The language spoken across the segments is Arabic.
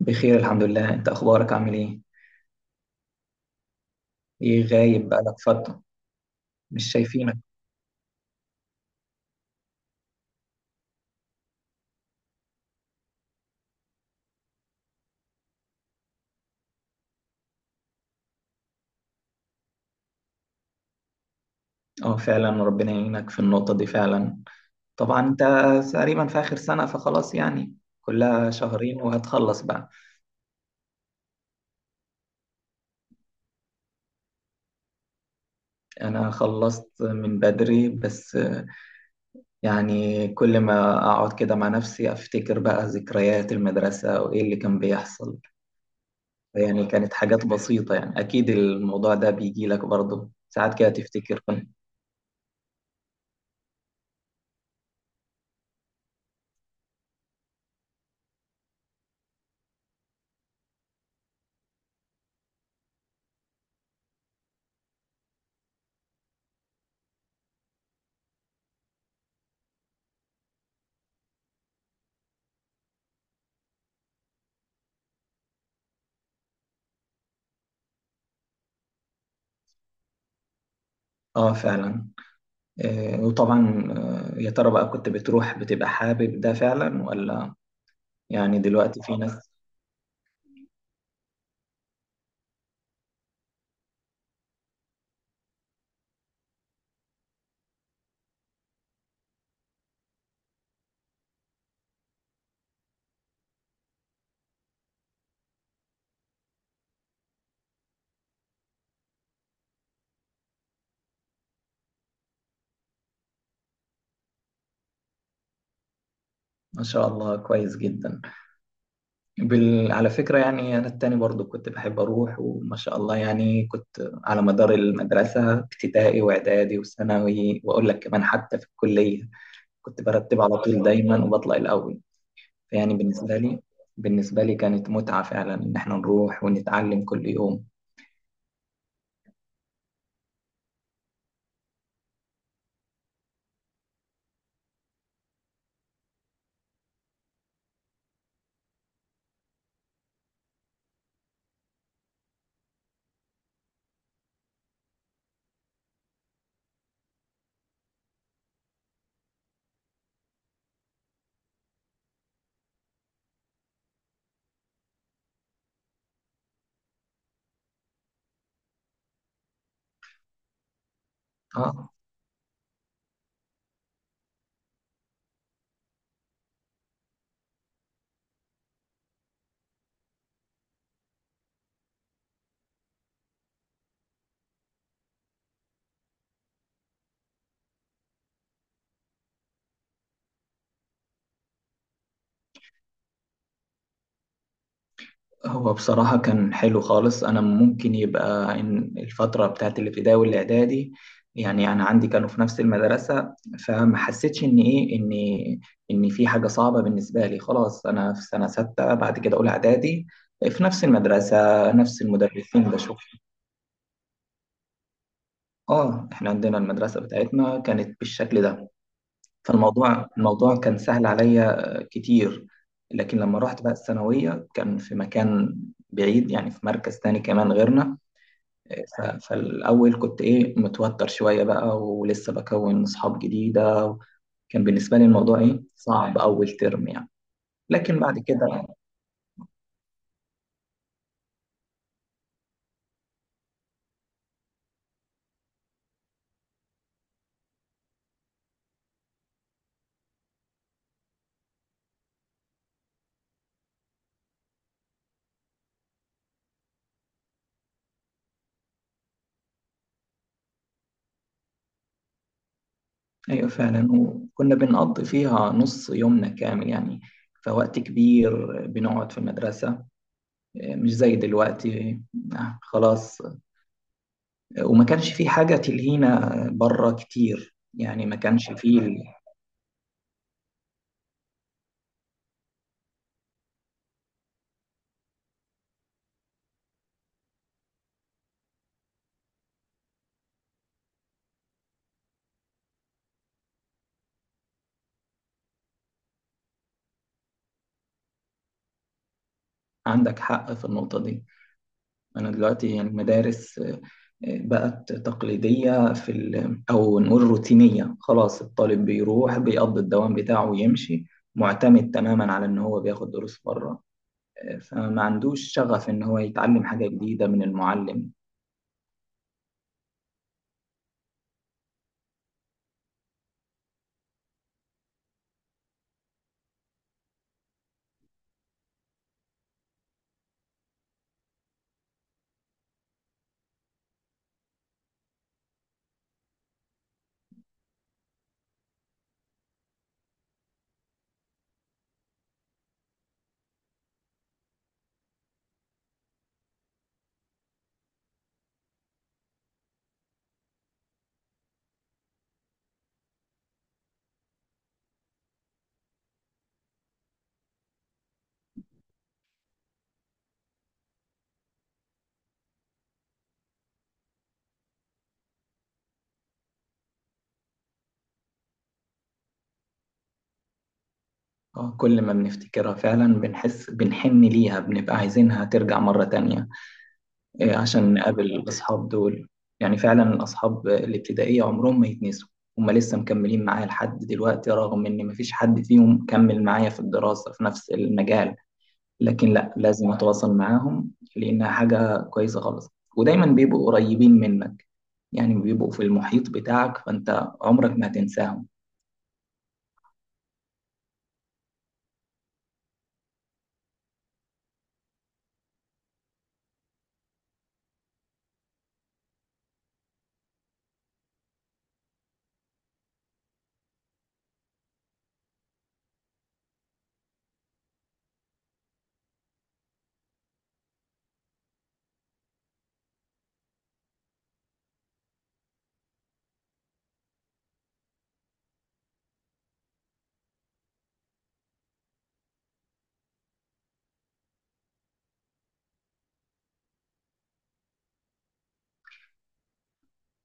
بخير الحمد لله، انت اخبارك عامل ايه؟ ايه، غايب بقالك فترة، مش شايفينك. اه فعلا، ربنا يعينك في النقطة دي فعلا. طبعا انت تقريبا في اخر سنة، فخلاص يعني كلها شهرين وهتخلص بقى. انا خلصت من بدري، بس يعني كل ما اقعد كده مع نفسي افتكر بقى ذكريات المدرسة وايه اللي كان بيحصل. يعني كانت حاجات بسيطة، يعني اكيد الموضوع ده بيجي لك برضه ساعات كده تفتكر كنت. اه فعلا. وطبعا، يا ترى بقى كنت بتروح بتبقى حابب ده فعلا ولا يعني دلوقتي في ناس؟ ما شاء الله، كويس جدا. على فكرة، يعني أنا التاني برضو كنت بحب أروح، وما شاء الله يعني كنت على مدار المدرسة ابتدائي وإعدادي وثانوي، وأقول لك كمان حتى في الكلية كنت برتب على طول دايما وبطلع الأول. يعني بالنسبة لي كانت متعة فعلا إن إحنا نروح ونتعلم كل يوم. آه هو بصراحة كان حلو خالص. أنا ممكن يبقى إن الفترة بتاعت الابتدائي والإعدادي، يعني أنا عندي كانوا في نفس المدرسة، فما حسيتش إن إيه إن في حاجة صعبة بالنسبة لي. خلاص أنا في سنة ستة، بعد كده أولى إعدادي في نفس المدرسة نفس المدرسين بشوف. إحنا عندنا المدرسة بتاعتنا كانت بالشكل ده. فالموضوع كان سهل عليا كتير. لكن لما رحت بقى الثانوية كان في مكان بعيد، يعني في مركز تاني كمان غيرنا. ف- فالأول كنت إيه متوتر شوية بقى، ولسه بكون أصحاب جديدة. كان بالنسبة لي الموضوع إيه صعب أول ترم يعني. لكن بعد كده، أيوة فعلا، وكنا بنقضي فيها نص يومنا كامل يعني. فوقت كبير بنقعد في المدرسة، مش زي دلوقتي. خلاص، وما كانش في حاجة تلهينا بره كتير، يعني ما كانش فيه. عندك حق في النقطة دي. أنا دلوقتي يعني المدارس بقت تقليدية، أو نقول روتينية. خلاص الطالب بيروح بيقضي الدوام بتاعه ويمشي، معتمد تماما على إن هو بياخد دروس بره، فما عندوش شغف إن هو يتعلم حاجة جديدة من المعلم. كل ما بنفتكرها فعلا بنحس بنحن ليها، بنبقى عايزينها ترجع مرة تانية، عشان نقابل الأصحاب دول. يعني فعلا الأصحاب الابتدائية عمرهم ما يتنسوا. هما لسه مكملين معايا لحد دلوقتي، رغم إن مفيش حد فيهم كمل معايا في الدراسة في نفس المجال، لكن لا لازم اتواصل معاهم لانها حاجه كويسه خالص. ودايما بيبقوا قريبين منك، يعني بيبقوا في المحيط بتاعك، فانت عمرك ما هتنساهم.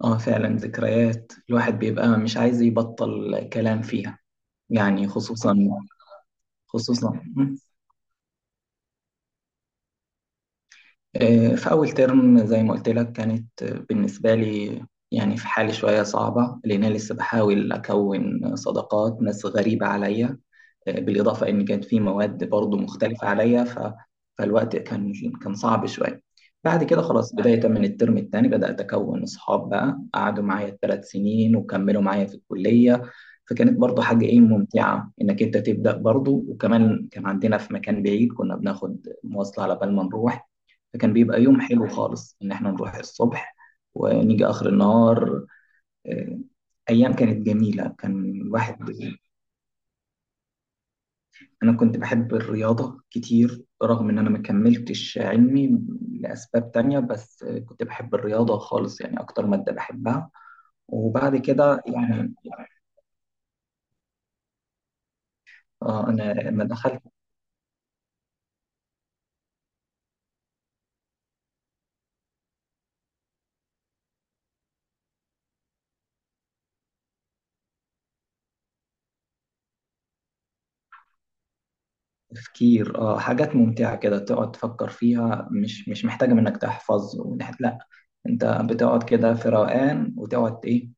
اه فعلا، ذكريات الواحد بيبقى مش عايز يبطل كلام فيها. يعني خصوصا، في اول ترم زي ما قلت لك كانت، بالنسبه لي يعني في حالة شوية صعبة، لأن أنا لسه بحاول أكون صداقات ناس غريبة عليا، بالإضافة إن كانت في مواد برضو مختلفة عليا. فالوقت كان صعب شوية. بعد كده خلاص بداية من الترم الثاني بدأت أكون أصحاب، بقى قعدوا معايا 3 سنين وكملوا معايا في الكلية. فكانت برضو حاجة إيه ممتعة إنك أنت تبدأ برضو، وكمان كان عندنا في مكان بعيد كنا بناخد مواصلة على بال ما نروح. فكان بيبقى يوم حلو خالص إن إحنا نروح الصبح ونيجي آخر النهار. آه، أيام كانت جميلة كان الواحد. أنا كنت بحب الرياضة كتير، رغم إن أنا ما كملتش علمي لأسباب تانية، بس كنت بحب الرياضة خالص، يعني أكتر مادة بحبها. وبعد كده يعني، أنا لما دخلت. تفكير، حاجات ممتعة كده تقعد تفكر فيها، مش محتاجة منك تحفظ ونحت، لا. أنت بتقعد كده في روقان وتقعد إيه،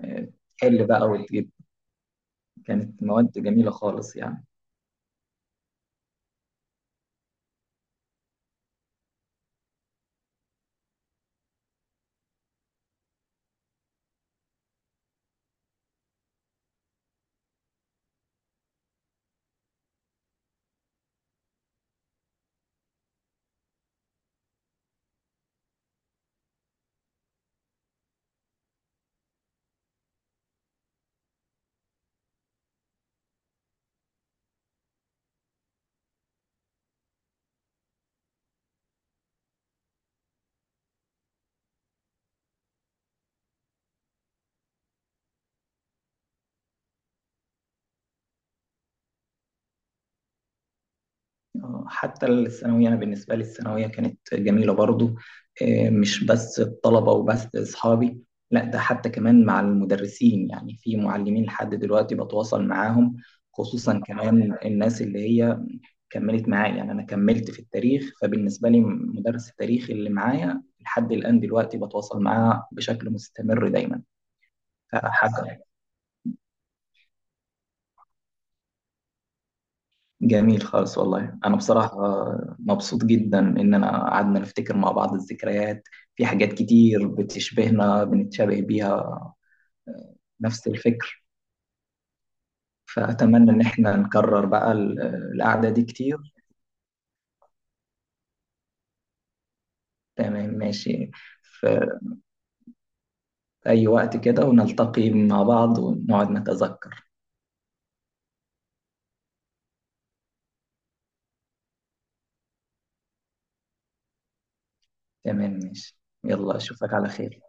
آه، تحل بقى وتجيب. كانت مواد جميلة خالص يعني. حتى الثانوية أنا بالنسبة لي الثانوية كانت جميلة برضو. مش بس الطلبة وبس أصحابي، لا، ده حتى كمان مع المدرسين، يعني في معلمين لحد دلوقتي بتواصل معاهم. خصوصا كمان الناس اللي هي كملت معايا، يعني أنا كملت في التاريخ، فبالنسبة لي مدرس التاريخ اللي معايا لحد الآن دلوقتي بتواصل معاه بشكل مستمر دايما. فحاجة جميل خالص، والله أنا بصراحة مبسوط جدا إن أنا قعدنا نفتكر مع بعض الذكريات. في حاجات كتير بتشبهنا بنتشابه بيها، نفس الفكر. فأتمنى إن إحنا نكرر بقى القعدة دي كتير. تمام ماشي، في أي وقت كده ونلتقي مع بعض ونقعد نتذكر. تمام ماشي، يلا أشوفك على خير.